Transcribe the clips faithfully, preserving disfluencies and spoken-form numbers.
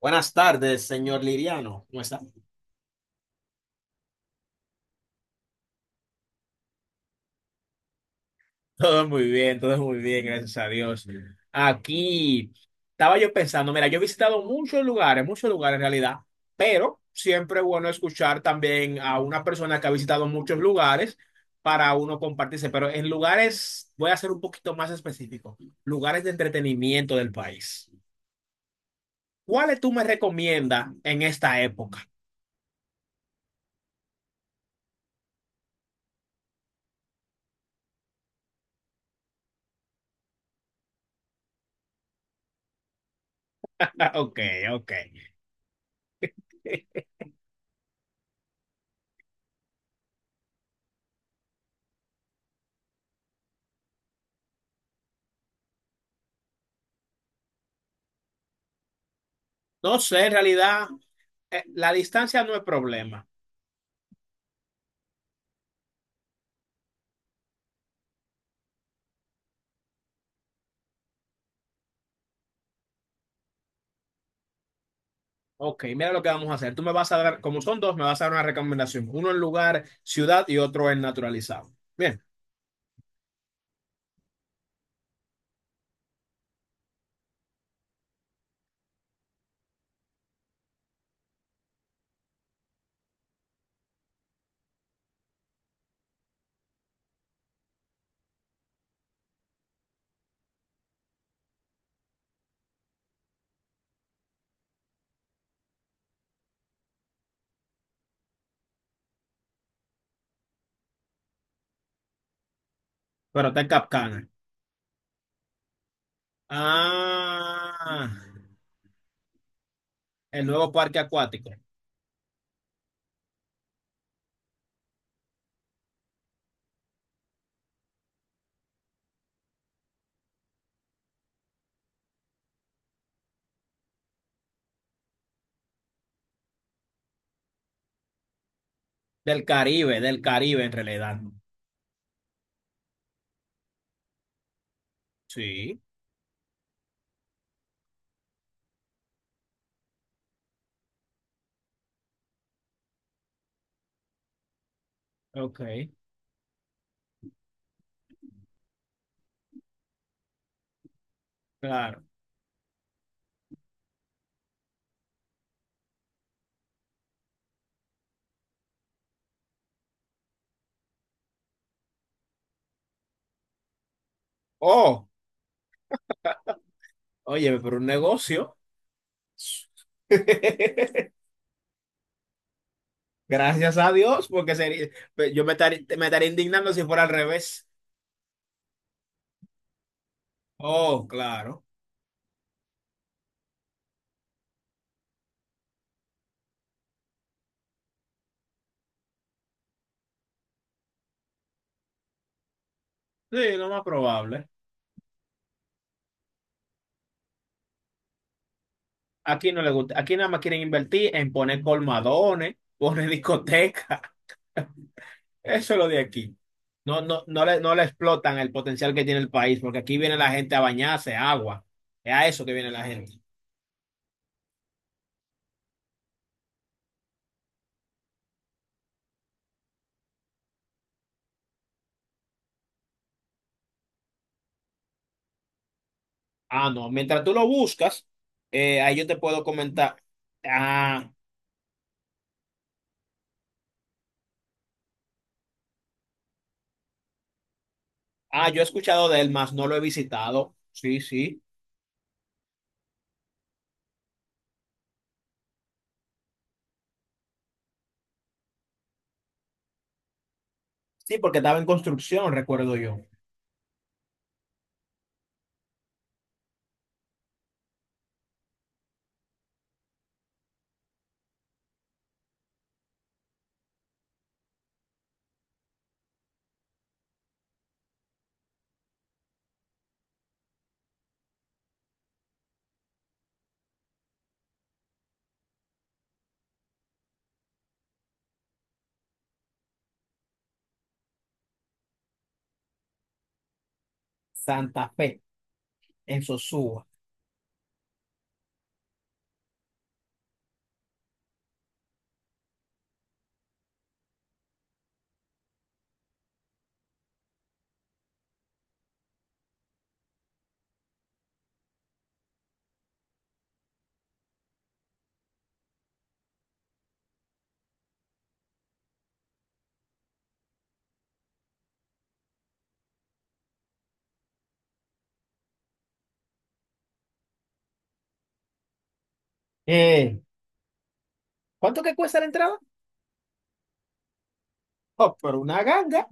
Buenas tardes, señor Liriano. ¿Cómo está? Todo muy bien, todo muy bien, gracias a Dios. Aquí estaba yo pensando, mira, yo he visitado muchos lugares, muchos lugares en realidad, pero siempre es bueno escuchar también a una persona que ha visitado muchos lugares para uno compartirse, pero en lugares, voy a ser un poquito más específico, lugares de entretenimiento del país. ¿Cuáles tú me recomiendas en esta época? Ah, Ok, ok. No sé, en realidad, eh, la distancia no es problema. Ok, mira lo que vamos a hacer. Tú me vas a dar, como son dos, me vas a dar una recomendación. Uno en lugar, ciudad y otro en naturalizado. Bien, pero está en Capcana. Ah, el nuevo parque acuático. Del Caribe, del Caribe en realidad. Sí, ok, claro. Oh, oye, pero un negocio. Gracias a Dios, porque sería, yo me estaría, me estaría indignando si fuera al revés. Oh, claro. Sí, lo más probable. Aquí no le gusta. Aquí nada más quieren invertir en poner colmadones, poner discotecas. Eso es lo de aquí. No, no, no le, no le explotan el potencial que tiene el país, porque aquí viene la gente a bañarse, agua. Es a eso que viene la gente. Ah, no. Mientras tú lo buscas, eh, ahí yo te puedo comentar. Ah, ah, yo he escuchado de él, más no lo he visitado. Sí, sí. Sí, porque estaba en construcción, recuerdo yo. Santa Fe, en Sosúa. Eh, ¿cuánto que cuesta la entrada? Oh, pero una ganga.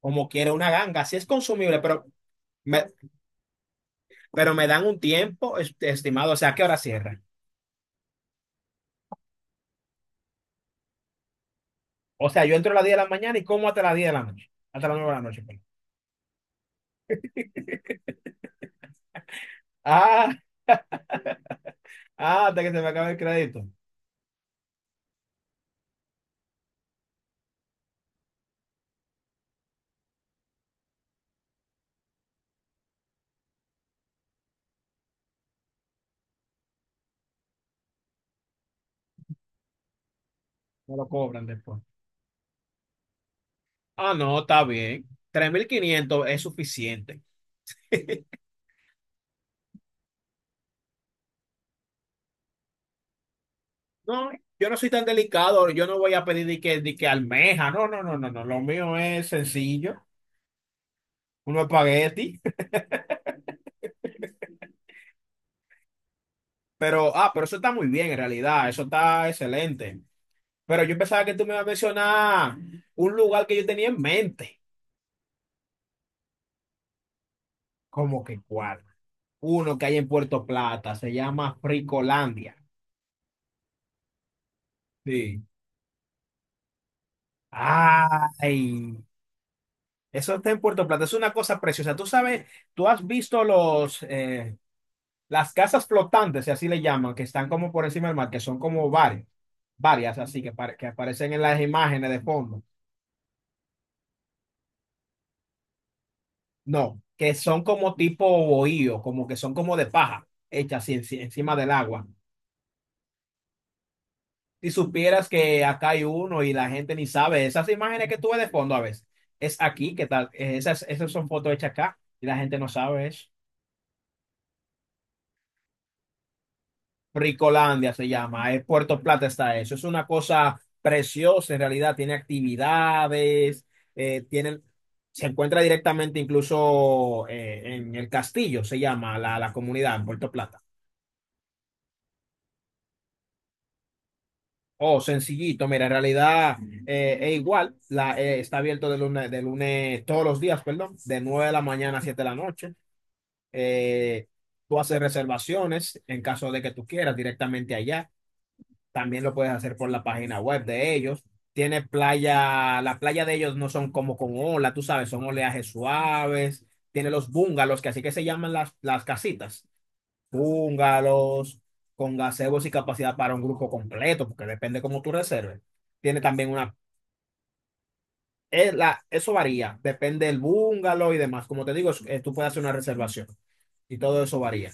Como quiera una ganga. Sí es consumible, pero me, pero me dan un tiempo es- estimado. O sea, ¿a qué hora cierra? O sea, yo entro a las diez de la mañana y como hasta las diez de la noche. Hasta las nueve de la noche, perdón. Ah, ah, hasta que se me acabe el crédito. Me lo cobran después. Ah, no, está bien. Tres mil quinientos es suficiente. No, yo no soy tan delicado. Yo no voy a pedir de que, de que almeja. No, no, no, no, no. Lo mío es sencillo. Uno espagueti. Pero, ah, pero eso está muy bien en realidad. Eso está excelente. Pero yo pensaba que tú me ibas a mencionar un lugar que yo tenía en mente. ¿Cómo que cuál? Uno que hay en Puerto Plata, se llama Fricolandia. Sí. Ay, eso está en Puerto Plata, es una cosa preciosa. Tú sabes, tú has visto los, eh, las casas flotantes, si así le llaman, que están como por encima del mar, que son como varias, varias así que, pare- que aparecen en las imágenes de fondo. No, que son como tipo bohío, como que son como de paja, hechas así enci- encima del agua. Si supieras que acá hay uno y la gente ni sabe, esas imágenes que tú ves de fondo a veces, es aquí, ¿qué tal? Esas, esas son fotos hechas acá y la gente no sabe eso. Ricolandia se llama, es Puerto Plata está eso, es una cosa preciosa en realidad, tiene actividades, eh, tienen, se encuentra directamente incluso eh, en el castillo, se llama la, la comunidad en Puerto Plata. Oh, sencillito, mira, en realidad eh, es igual, la, eh, está abierto de lunes, de lunes todos los días, perdón, de nueve de la mañana a siete de la noche. Eh, tú haces reservaciones en caso de que tú quieras directamente allá. También lo puedes hacer por la página web de ellos. Tiene playa, la playa de ellos no son como con ola, tú sabes, son oleajes suaves. Tiene los bungalows, que así que se llaman las, las casitas húngaros, con gazebos y capacidad para un grupo completo, porque depende cómo tú reserves. Tiene también una, eh, la- eso varía, depende del bungalow y demás. Como te digo, es- eh, tú puedes hacer una reservación y todo eso varía.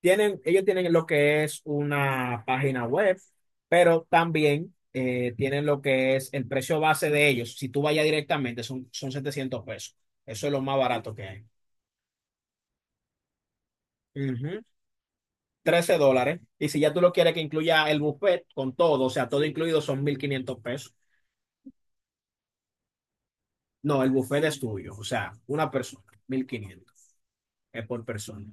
Tienen, ellos tienen lo que es una página web, pero también eh, tienen lo que es el precio base de ellos. Si tú vayas directamente, son, son setecientos pesos. Eso es lo más barato que hay. Ujú. Trece dólares. Y si ya tú lo quieres que incluya el buffet con todo, o sea, todo incluido son mil quinientos pesos. No, el buffet es tuyo, o sea, una persona, mil quinientos es por persona.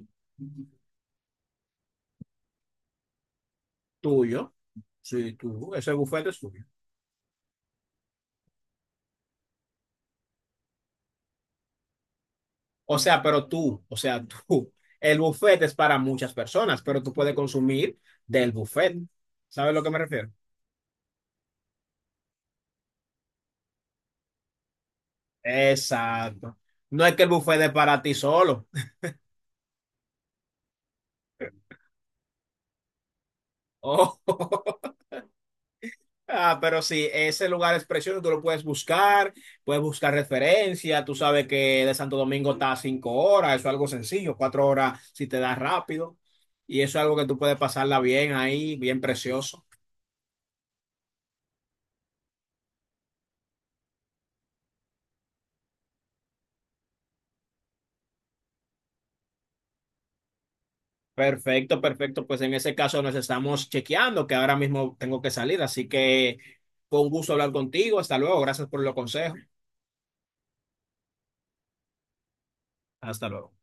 Tuyo, sí, tú, ese buffet es tuyo. O sea, pero tú, o sea, tú, el buffet es para muchas personas, pero tú puedes consumir del buffet. ¿Sabes a lo que me refiero? Exacto. No es que el buffet es para ti solo. Oh. Ah, pero sí, ese lugar es precioso, tú lo puedes buscar, puedes buscar referencia, tú sabes que de Santo Domingo está a cinco horas, eso es algo sencillo, cuatro horas si te das rápido, y eso es algo que tú puedes pasarla bien ahí, bien precioso. Perfecto, perfecto, pues en ese caso nos estamos chequeando, que ahora mismo tengo que salir, así que fue un gusto hablar contigo, hasta luego, gracias por los consejos, hasta luego.